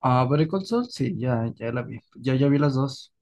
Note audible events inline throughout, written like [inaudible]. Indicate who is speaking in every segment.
Speaker 1: Ah, Better Call Saul, sí, ya, ya la vi. Ya, ya vi las dos.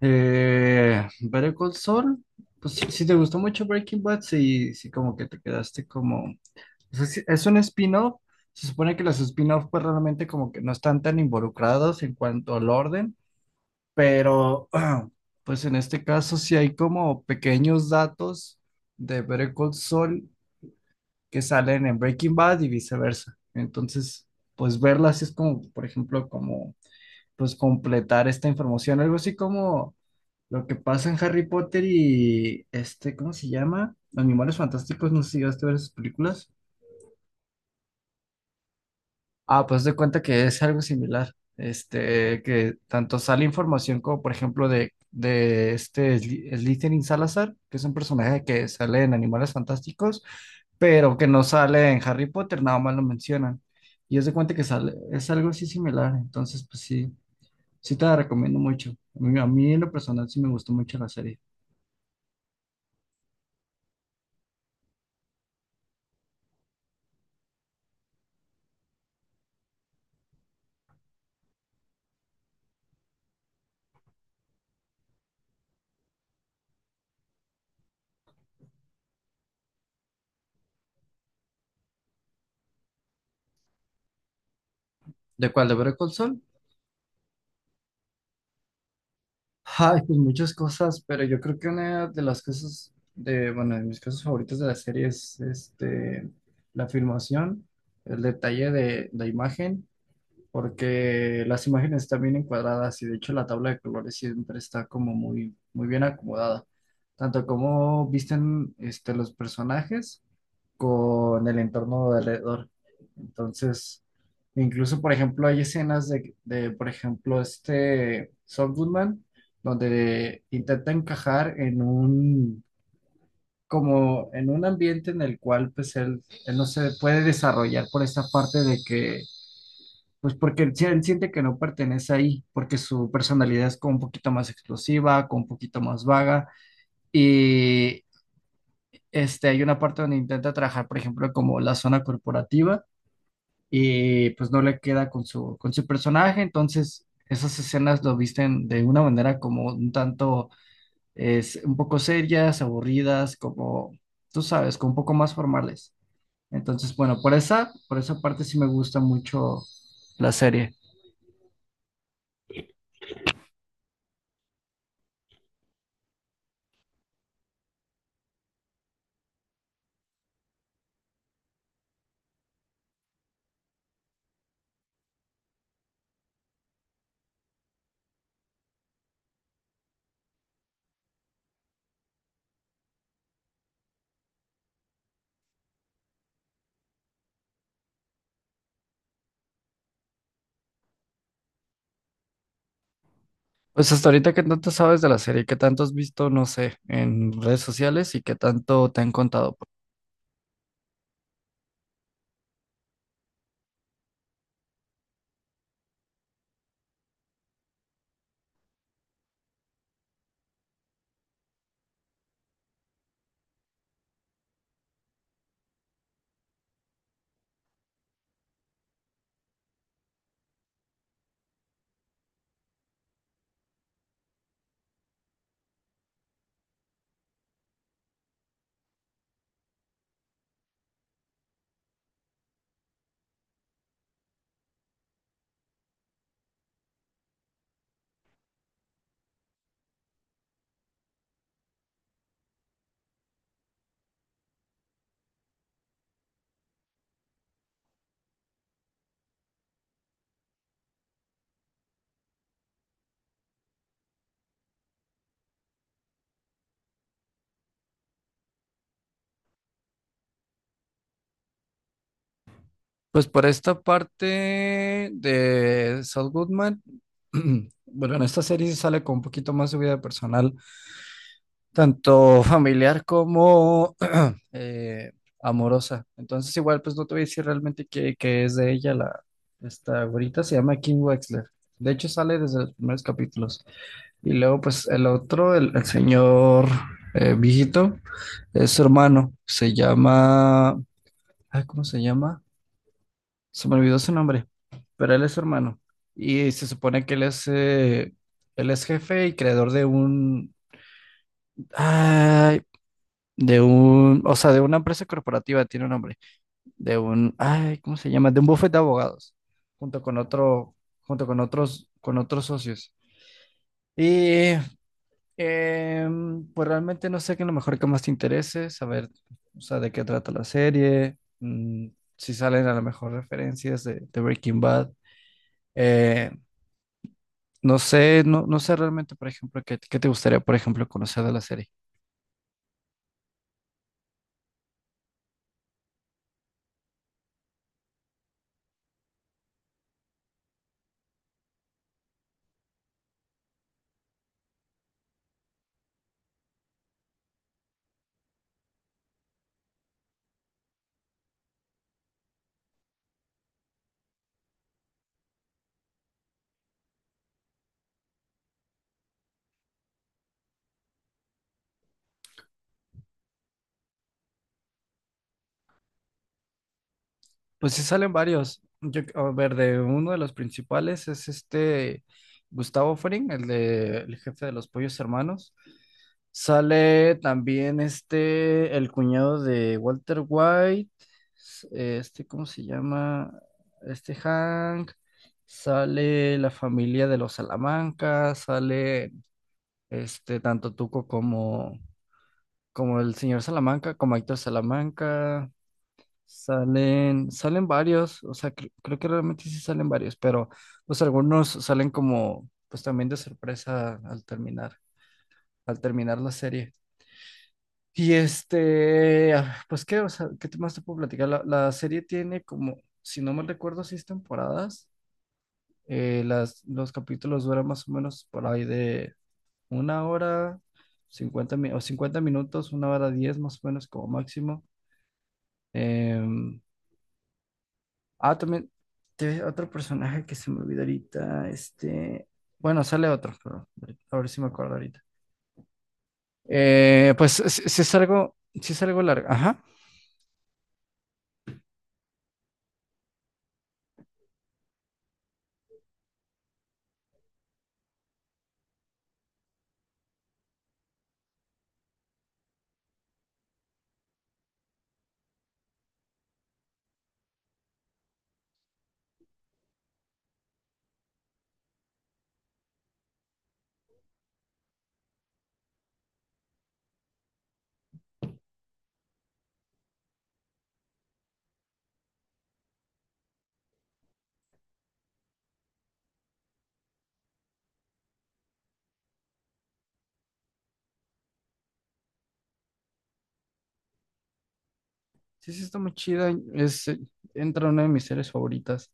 Speaker 1: Better Call Saul, pues si te gustó mucho Breaking Bad, sí, sí, como que te quedaste como, o sea, sí, es un spin-off. Se supone que los spin-off, pues realmente como que no están tan involucrados en cuanto al orden, pero [clears throat] pues en este caso sí hay como pequeños datos de Better Call Saul que salen en Breaking Bad y viceversa. Entonces, pues verlas es como, por ejemplo, como pues completar esta información. Algo así como lo que pasa en Harry Potter y este, ¿cómo se llama? Animales Fantásticos, no sé si llegaste a ver esas películas. Ah, pues de cuenta que es algo similar. Este, que tanto sale información como, por ejemplo, de este Slytherin Salazar, que es un personaje que sale en Animales Fantásticos, pero que no sale en Harry Potter, nada más lo mencionan. Y es de cuenta que sale, es algo así similar. Entonces, pues sí. Sí te la recomiendo mucho. A mí en lo personal sí me gustó mucho la serie. ¿De cuál? ¿De Better Call Saul? Ay, pues muchas cosas, pero yo creo que una de las cosas de, bueno, de mis cosas favoritas de la serie es este, la filmación, el detalle de la imagen, porque las imágenes están bien encuadradas y de hecho la tabla de colores siempre está como muy, muy bien acomodada. Tanto como visten este, los personajes con el entorno de alrededor. Entonces, incluso, por ejemplo, hay escenas por ejemplo, este Saul Goodman, donde intenta encajar en un, como en un ambiente en el cual, pues, él no se puede desarrollar por esta parte de que, pues, porque él, él siente que no pertenece ahí, porque su personalidad es como un poquito más explosiva, como un poquito más vaga, y... Este, hay una parte donde intenta trabajar, por ejemplo, como la zona corporativa, y pues no le queda con con su personaje, entonces esas escenas lo visten de una manera como un tanto, es un poco serias, aburridas, como, tú sabes, como un poco más formales. Entonces, bueno, por esa parte sí me gusta mucho la serie. Pues hasta ahorita, ¿qué tanto sabes de la serie? ¿Qué tanto has visto, no sé, en redes sociales y qué tanto te han contado? Pues por esta parte de Saul Goodman, [clears throat] bueno, en esta serie sí sale con un poquito más su vida personal, tanto familiar como [clears throat] eh, amorosa. Entonces igual pues no te voy a decir realmente qué es de ella la esta güerita, se llama Kim Wexler. De hecho sale desde los primeros capítulos. Y luego pues el otro, el señor viejito, es su hermano, se llama, ay, ¿cómo se llama? Se me olvidó su nombre, pero él es su hermano. Y se supone que él es jefe y creador de un, ay, de un, o sea, de una empresa corporativa, tiene un nombre, de un, ay, ¿cómo se llama? De un bufete de abogados, junto con otro, junto con otros socios. Y pues realmente no sé qué es lo mejor que más te interese, saber, o sea, de qué trata la serie, si salen a lo mejor referencias de Breaking Bad. Eh, No sé, no, no sé realmente, por ejemplo, qué te gustaría, por ejemplo, conocer de la serie. Pues sí salen varios. Yo, a ver, de uno de los principales es este Gustavo Fring, el de el jefe de los Pollos Hermanos. Sale también este el cuñado de Walter White, este, ¿cómo se llama? Este Hank. Sale la familia de los Salamanca, sale este tanto Tuco como el señor Salamanca, como Héctor Salamanca, salen varios, o sea, creo que realmente sí salen varios, pero pues algunos salen como, pues también de sorpresa al terminar la serie. Y este, ah, pues qué, o sea, ¿qué más te puedo platicar? La serie tiene como, si no mal recuerdo, seis temporadas. Los capítulos duran más o menos por ahí de 1 hora, 50 mi- o 50 minutos, 1 hora 10 más o menos como máximo. Em, también otro personaje que se me olvidó ahorita. Este, bueno, sale otro, pero a ver si me acuerdo ahorita. Pues sí, sí es algo largo. Ajá. Sí, sí está muy chida. Entra una de mis series favoritas.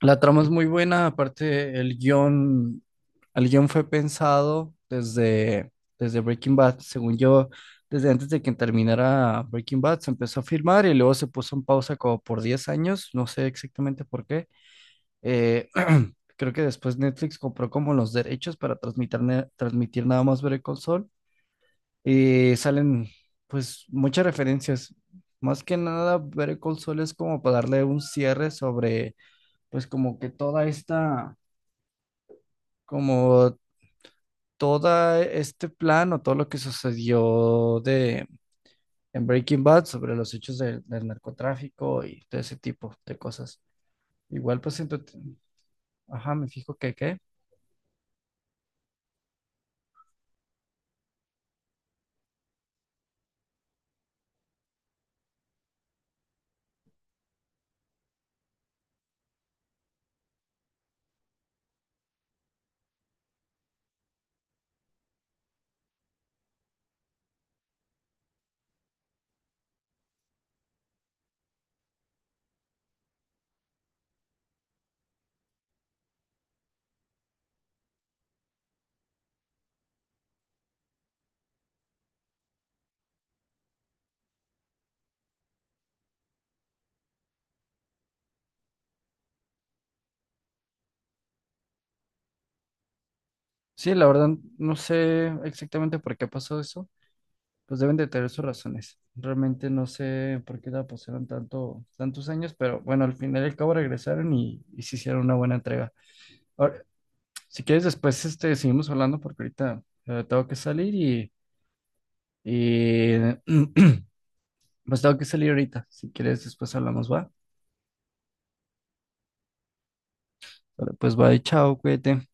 Speaker 1: La trama es muy buena, aparte el guión, fue pensado desde Breaking Bad, según yo, desde antes de que terminara Breaking Bad, se empezó a filmar y luego se puso en pausa como por 10 años, no sé exactamente por qué. Eh, [clears throat] creo que después Netflix compró como los derechos para transmitir, transmitir nada más Better Call Saul y salen pues muchas referencias. Más que nada, Better Call Saul es como para darle un cierre sobre pues como que toda esta como todo este plan o todo lo que sucedió de, en Breaking Bad sobre los hechos del narcotráfico y todo ese tipo de cosas. Igual pues siento, ajá, me fijo que qué. Sí, la verdad no sé exactamente por qué pasó eso. Pues deben de tener sus razones. Realmente no sé por qué la pasaron tanto, tantos años, pero bueno, al final y al cabo regresaron y se hicieron una buena entrega. Ahora, si quieres, después este, seguimos hablando porque ahorita tengo que salir. Y [clears throat] pues tengo que salir ahorita. Si quieres, después hablamos, va. Vale, pues va y chao, cuídate.